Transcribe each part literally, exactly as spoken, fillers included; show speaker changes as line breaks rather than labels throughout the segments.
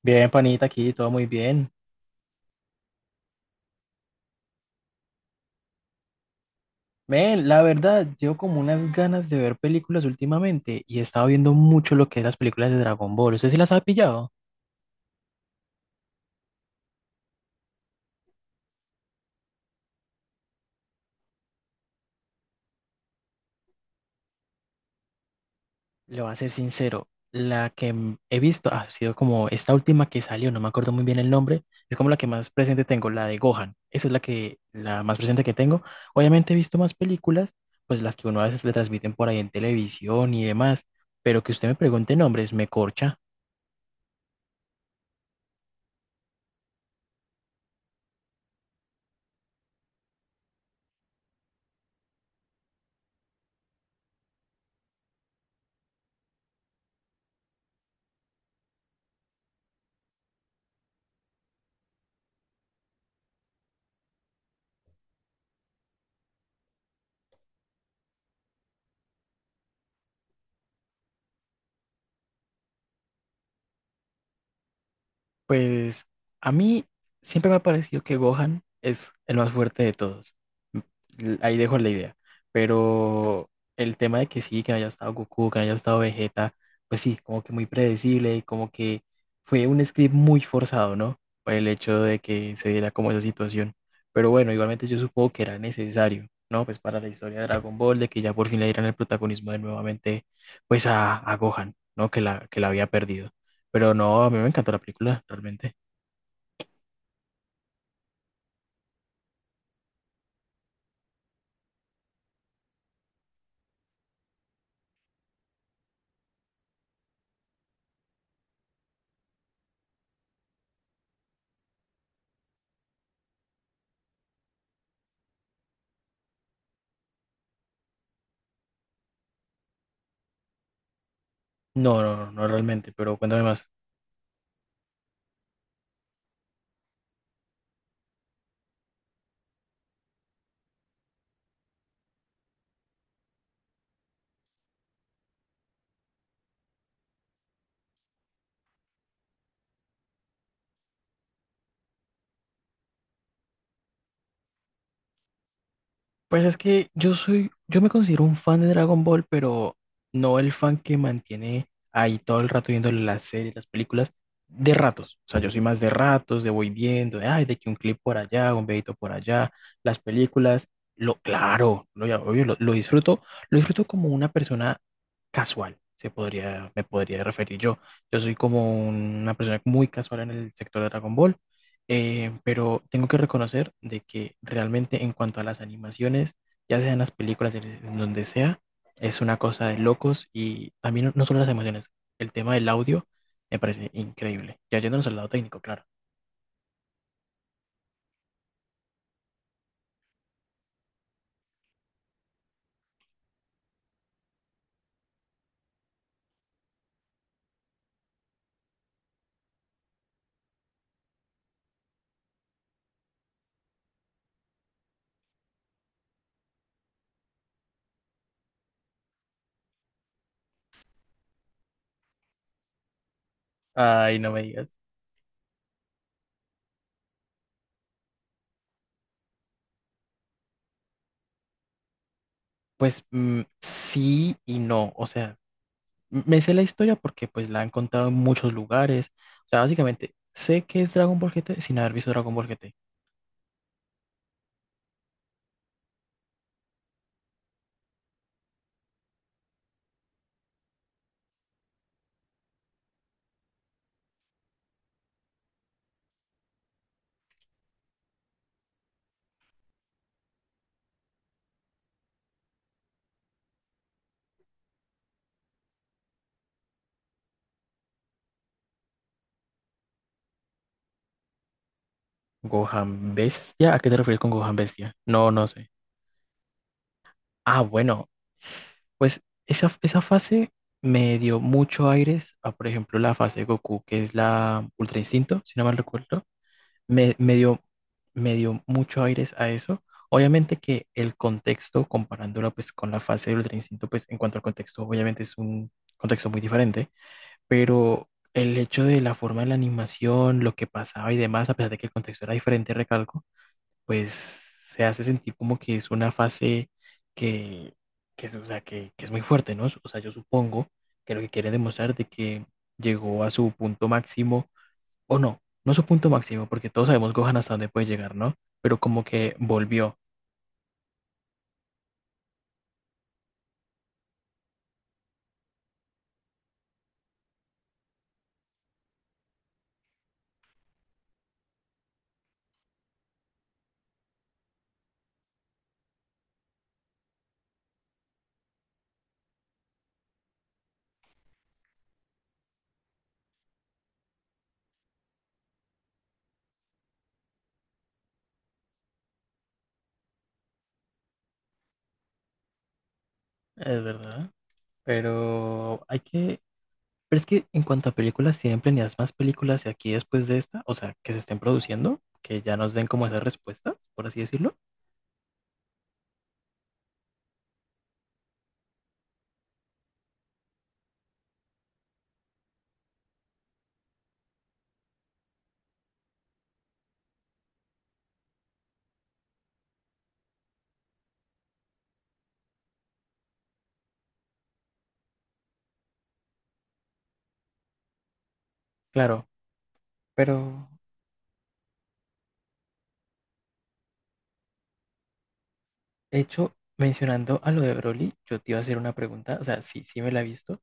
Bien, panita, aquí todo muy bien. Ven, la verdad, llevo como unas ganas de ver películas últimamente y he estado viendo mucho lo que es las películas de Dragon Ball. ¿Usted sí las ha pillado? Le voy a ser sincero, la que m- he visto ha sido como esta última que salió, no me acuerdo muy bien el nombre, es como la que más presente tengo, la de Gohan. Esa es la que, la más presente que tengo. Obviamente he visto más películas, pues las que uno a veces le transmiten por ahí en televisión y demás, pero que usted me pregunte nombres, me corcha. Pues a mí siempre me ha parecido que Gohan es el más fuerte de todos. M- l- Ahí dejo la idea. Pero el tema de que sí, que no haya estado Goku, que no haya estado Vegeta, pues sí, como que muy predecible y como que fue un script muy forzado, ¿no? Por el hecho de que se diera como esa situación. Pero bueno, igualmente yo supongo que era necesario, ¿no? Pues para la historia de Dragon Ball, de que ya por fin le dieran el protagonismo de nuevamente, pues a, a Gohan, ¿no? Que la, que la había perdido. Pero no, a mí me encantó la película, realmente. No, no, no realmente, pero cuéntame más. Pues es que yo soy, yo me considero un fan de Dragon Ball, pero no el fan que mantiene ahí todo el rato viendo las series, las películas, de ratos. O sea, yo soy más de ratos, de voy viendo, de, ay, de que un clip por allá, un videito por allá, las películas, lo, claro, lo, ya- obvio, lo, lo disfruto, lo disfruto como una persona casual, se podría, me podría referir yo. Yo soy como una persona muy casual en el sector de Dragon Ball. Eh, pero tengo que reconocer de que realmente en cuanto a las animaciones, ya sean las películas, en en donde sea, es una cosa de locos y también no no solo las emociones, el tema del audio me parece increíble. Ya yéndonos al lado técnico, claro. Ay, no me digas. Pues mm, sí y no, o sea, m- me sé la historia porque pues la han contado en muchos lugares. O sea, básicamente sé que es Dragon Ball G T sin haber visto Dragon Ball G T. Gohan Bestia, ¿a qué te refieres con Gohan Bestia? No, no sé. Ah, bueno, pues esa, esa fase me dio mucho aires a, por ejemplo, la fase de Goku, que es la Ultra Instinto, si no mal recuerdo. Me, me dio, me dio mucho aires a eso. Obviamente que el contexto, comparándola pues con la fase de Ultra Instinto, pues en cuanto al contexto, obviamente es un contexto muy diferente, pero el hecho de la forma de la animación, lo que pasaba y demás, a pesar de que el contexto era diferente, recalco pues se hace sentir como que es una fase que, que, es, o sea, que, que es muy fuerte, ¿no? O sea, yo supongo que lo que quiere demostrar de que llegó a su punto máximo, o no, no su punto máximo, porque todos sabemos Gohan hasta dónde puede llegar, ¿no? Pero como que volvió, es verdad. Pero hay que, pero es que en cuanto a películas, tienen planeadas más películas de aquí después de esta, o sea, que se estén produciendo, que ya nos den como esas respuestas, por así decirlo. Claro, pero de hecho, mencionando a lo de Broly, yo te iba a hacer una pregunta, o sea, sí, sí me la he visto,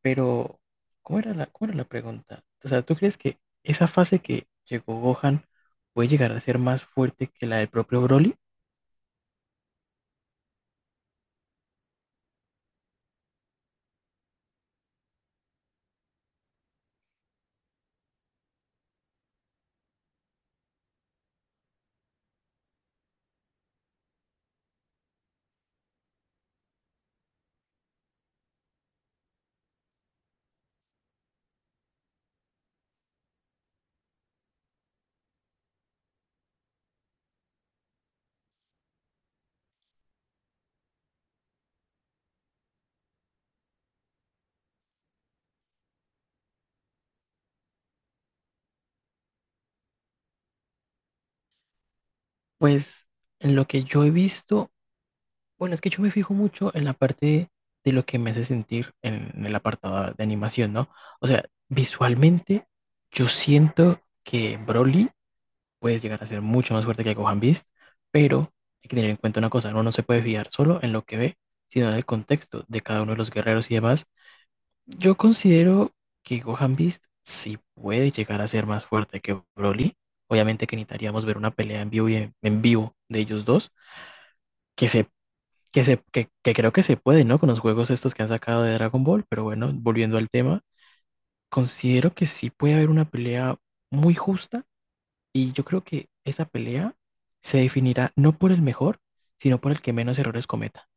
pero ¿cómo era la, cómo era la pregunta? O sea, ¿tú crees que esa fase que llegó Gohan puede llegar a ser más fuerte que la del propio Broly? Pues en lo que yo he visto, bueno, es que yo me fijo mucho en la parte de lo que me hace sentir en, en el apartado de animación, ¿no? O sea, visualmente yo siento que Broly puedes llegar a ser mucho más fuerte que Gohan Beast, pero hay que tener en cuenta una cosa, uno no se puede fiar solo en lo que ve, sino en el contexto de cada uno de los guerreros y demás. Yo considero que Gohan Beast sí puede llegar a ser más fuerte que Broly. Obviamente que necesitaríamos ver una pelea en vivo y en, en vivo de ellos dos, que se que se que, que creo que se puede, ¿no? Con los juegos estos que han sacado de Dragon Ball, pero bueno, volviendo al tema, considero que sí puede haber una pelea muy justa y yo creo que esa pelea se definirá no por el mejor, sino por el que menos errores cometa.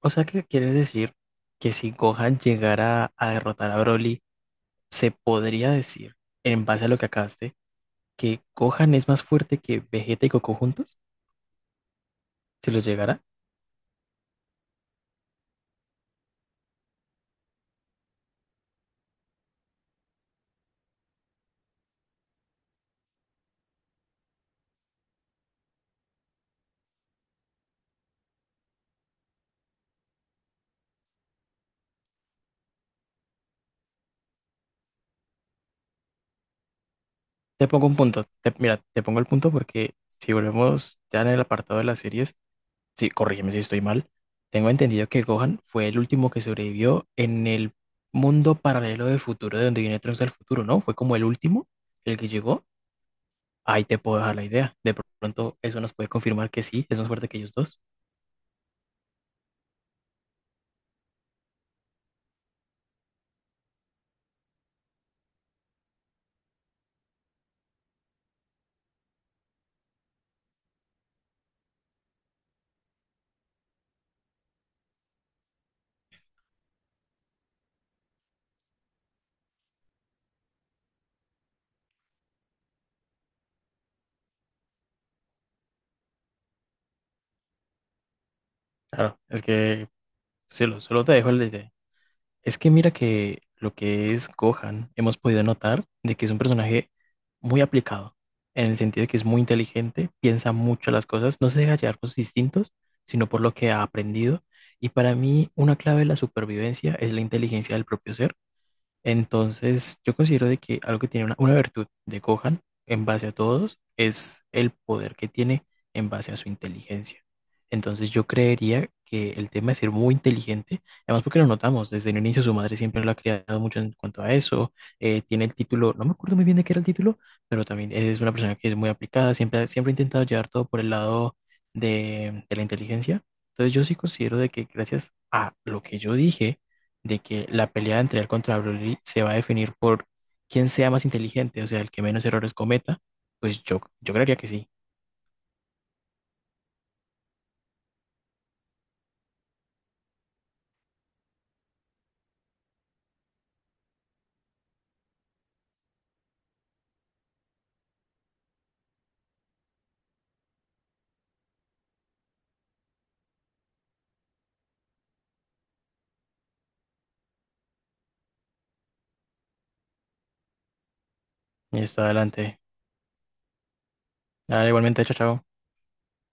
O sea, que quieres decir que si Gohan llegara a derrotar a Broly, se podría decir, en base a lo que acabaste, que Gohan es más fuerte que Vegeta y Goku juntos, si los llegara. Te pongo un punto. Te- mira, te pongo el punto porque si volvemos ya en el apartado de las series, sí, corrígeme si estoy mal, tengo entendido que Gohan fue el último que sobrevivió en el mundo paralelo del futuro, de donde viene Trunks del futuro, ¿no? Fue como el último, el que llegó. Ahí te puedo dejar la idea. De pronto eso nos puede confirmar que sí, es más fuerte que ellos dos. Claro, es que solo, solo te dejo la idea. Es que mira que lo que es Gohan, hemos podido notar de que es un personaje muy aplicado, en el sentido de que es muy inteligente, piensa mucho las cosas, no se deja llevar por sus instintos, sino por lo que ha aprendido. Y para mí, una clave de la supervivencia es la inteligencia del propio ser. Entonces, yo considero de que algo que tiene una, una virtud de Gohan en base a todos es el poder que tiene en base a su inteligencia. Entonces, yo creería que el tema de ser muy inteligente, además porque lo notamos desde el inicio, su madre siempre lo ha criado mucho en cuanto a eso, eh, tiene el título, no me acuerdo muy bien de qué era el título, pero también es una persona que es muy aplicada, siempre, siempre ha intentado llevar todo por el lado de, de la inteligencia. Entonces, yo sí considero de que gracias a lo que yo dije, de que la pelea entre él contra Broly se va a definir por quién sea más inteligente, o sea, el que menos errores cometa, pues yo, yo creería que sí. Listo, adelante. Dale, igualmente, chao, chao.